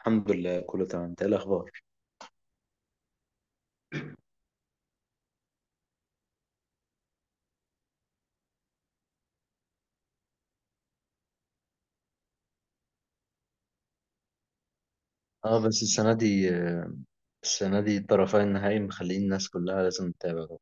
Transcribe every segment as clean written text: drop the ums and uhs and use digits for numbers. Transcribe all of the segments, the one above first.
الحمد لله كله تمام، انت ايه الاخبار؟ اه، بس السنة دي، الطرفين النهائي مخلين الناس كلها لازم تتابع طبعا.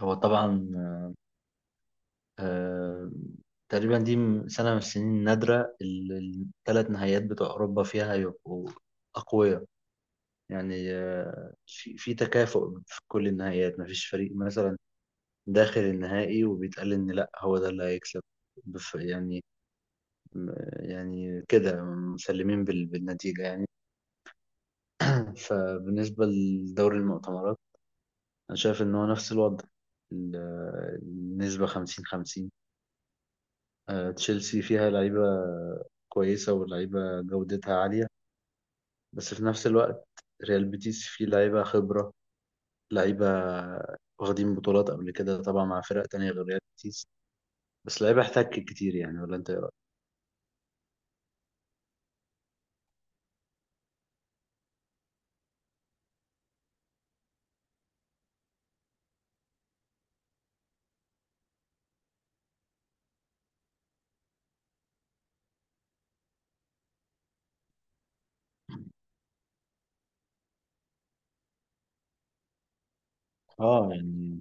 هو طبعا، آه تقريبا دي سنة من السنين النادرة اللي الثلاث نهائيات بتوع أوروبا فيها يبقوا أقوياء. يعني في تكافؤ في كل النهائيات، مفيش فريق مثلا داخل النهائي وبيتقال إن لأ هو ده اللي هيكسب يعني، كده، مسلمين بالنتيجة يعني. فبالنسبة لدوري المؤتمرات، أنا شايف إن هو نفس الوضع. ال- النسبة خمسين خمسين. تشيلسي فيها لعيبة كويسة ولعيبة جودتها عالية، بس في نفس الوقت ريال بيتيس فيه لعيبة خبرة، لعيبة واخدين بطولات قبل كده طبعا مع فرق تانية غير ريال بيتيس، بس لعيبة احتكت كتير يعني. ولا أنت إيه رأيك؟ يعني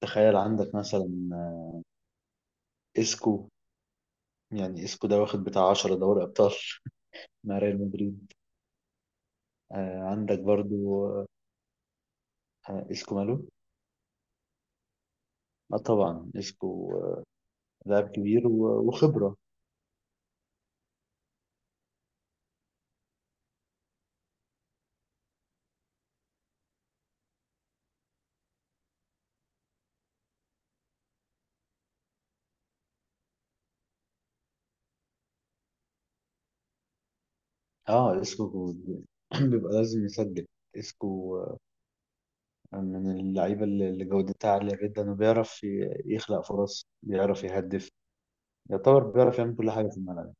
تخيل عندك مثلا إسكو. يعني إسكو ده واخد بتاع 10 دوري أبطال مع ريال مدريد. عندك برضو. اسكو ماله؟ اه طبعا اسكو، لاعب كبير وخبرة. اه اسكو بيبقى لازم يسجل. اسكو من اللعيبة اللي جودتها عالية جدا، وبيعرف يخلق فرص، بيعرف يهدف. يعتبر بيعرف يعمل كل حاجة في الملعب.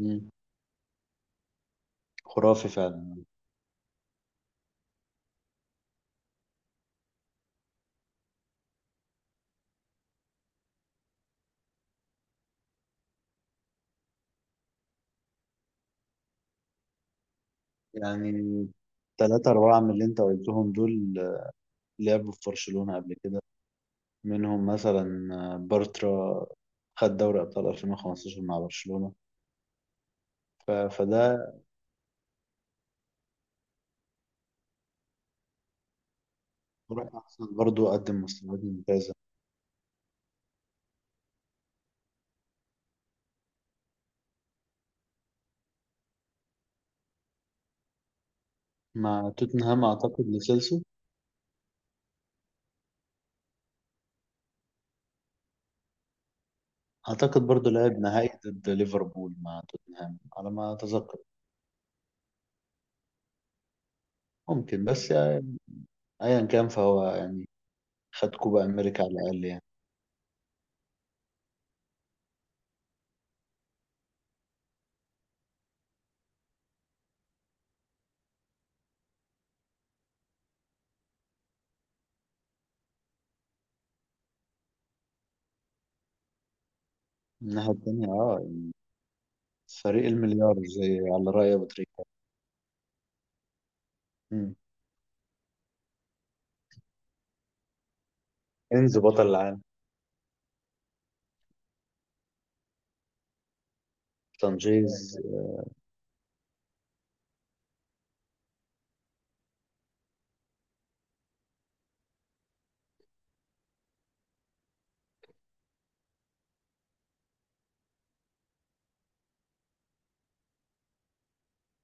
مم. خرافي فعلا. يعني تلاتة أربعة من اللي أنت قلتهم دول لعبوا في برشلونة قبل كده. منهم مثلا بارترا خد دوري أبطال 2015 مع برشلونة. فده. وراح أرسنال برضو قدم مستويات ممتازة مع توتنهام، أعتقد لسيلسو. أعتقد برضو لعب نهائي ضد ليفربول مع توتنهام على ما أتذكر. ممكن، بس يعني أيا كان فهو يعني خد كوبا أمريكا على الأقل يعني. من الناحية التانية، يعني فريق المليار، زي على رأي أبو تريكة. مم. إنزو بطل العالم. تنجيز.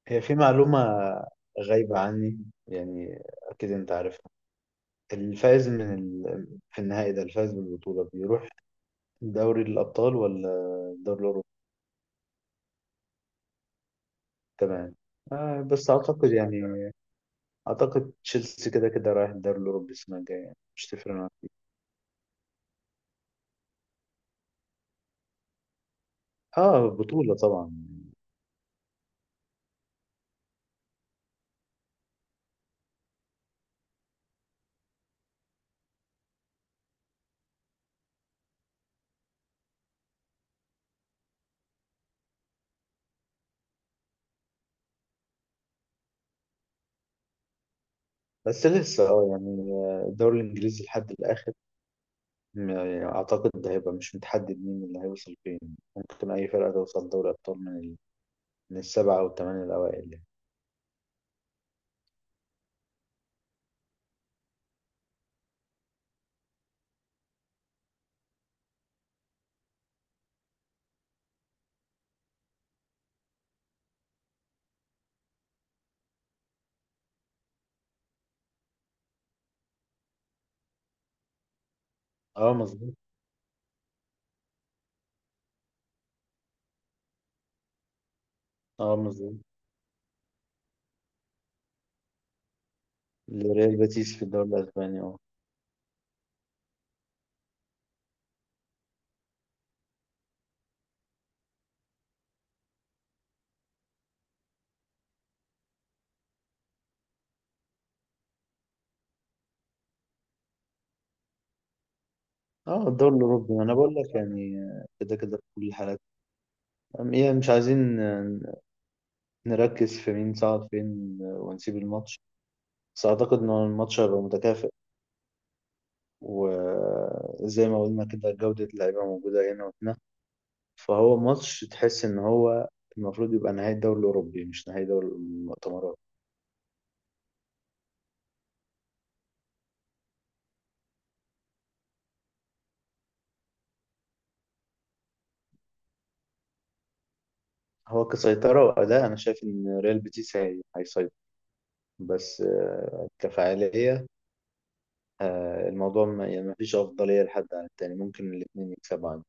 هي في معلومة غايبة عني، يعني أكيد أنت عارفها. الفائز من في النهائي ده، الفائز بالبطولة بيروح دوري الأبطال ولا الدوري الأوروبي؟ تمام. بس أعتقد، يعني أعتقد تشيلسي كده كده رايح الدوري الأوروبي السنة الجاية، يعني مش تفرق معاه. بطولة طبعا. بس لسه، يعني الدوري الإنجليزي لحد الآخر. يعني أعتقد ده هيبقى مش متحدد مين اللي هيوصل فين. ممكن أي فرقة توصل دوري أبطال من السبعة أو الثمانية الأوائل يعني. اه مظبوط. اه مظبوط. ريال بيتيس في الدوري الأسباني، اه. اه، الدوري الأوروبي أنا بقول لك، يعني كده كده في كل حالة. إيه، مش عايزين نركز في مين صعد فين ونسيب الماتش. بس أعتقد إن الماتش هيبقى متكافئ، وزي ما قلنا كده جودة اللعيبة موجودة هنا وهنا. فهو ماتش تحس إن هو المفروض يبقى نهائي الدوري الأوروبي، مش نهائي دوري المؤتمرات. هو كسيطرة وأداء أنا شايف إن ريال بيتيس هيسيطر، بس كفاعلية، الموضوع، ما يعني ما فيش أفضلية لحد عن التاني، ممكن الاتنين يكسبوا عادي.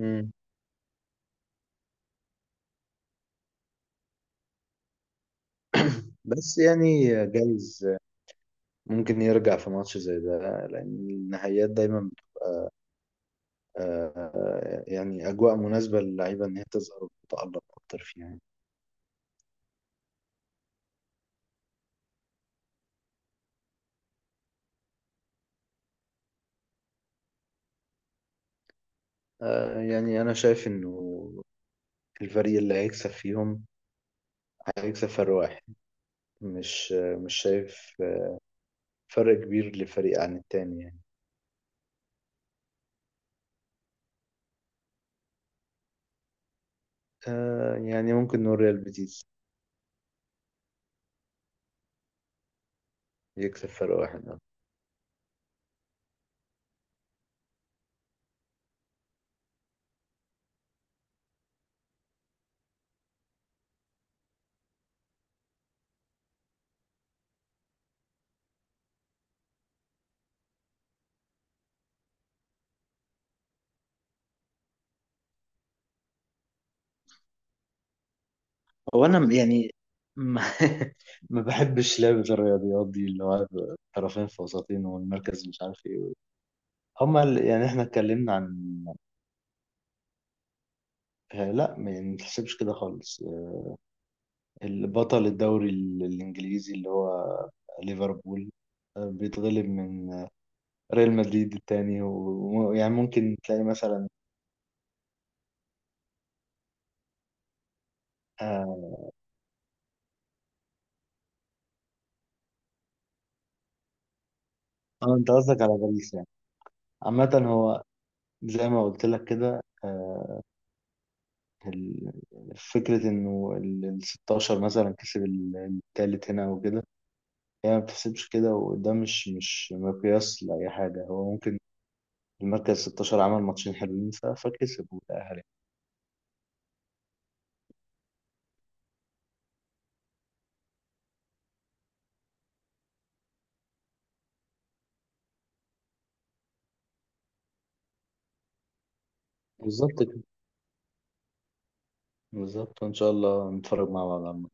مم. بس يعني جايز ممكن يرجع في ماتش زي ده، لأن النهائيات دايما يعني أجواء مناسبة للعيبة إن هي تظهر وتتألق أكتر فيها يعني. يعني أنا شايف إنه الفريق اللي هيكسب فيهم هيكسب فرق واحد. مش شايف فرق كبير لفريق عن التاني يعني. يعني ممكن نقول ريال بيتيس يكسب فرق واحد. هو أنا يعني ما, ما بحبش لعبة الرياضيات دي، اللي هو طرفين في وسطين والمركز مش عارف إيه. هما يعني احنا اتكلمنا عن، لا، ما نحسبش كده خالص. البطل الدوري الانجليزي اللي هو ليفربول بيتغلب من ريال مدريد التاني ويعني ممكن تلاقي مثلا. اه. انت قصدك على باريس يعني. عامة هو زي ما قلت لك كده، ال- فكرة انه ال 16 مثلا كسب التالت هنا وكده. هي يعني ما بتحسبش كده، وده مش مقياس لأي حاجة. هو ممكن المركز 16 عمل ماتشين حلوين فكسب وتأهل يعني. بالظبط كده. بالظبط، وإن شاء الله نتفرج مع بعض على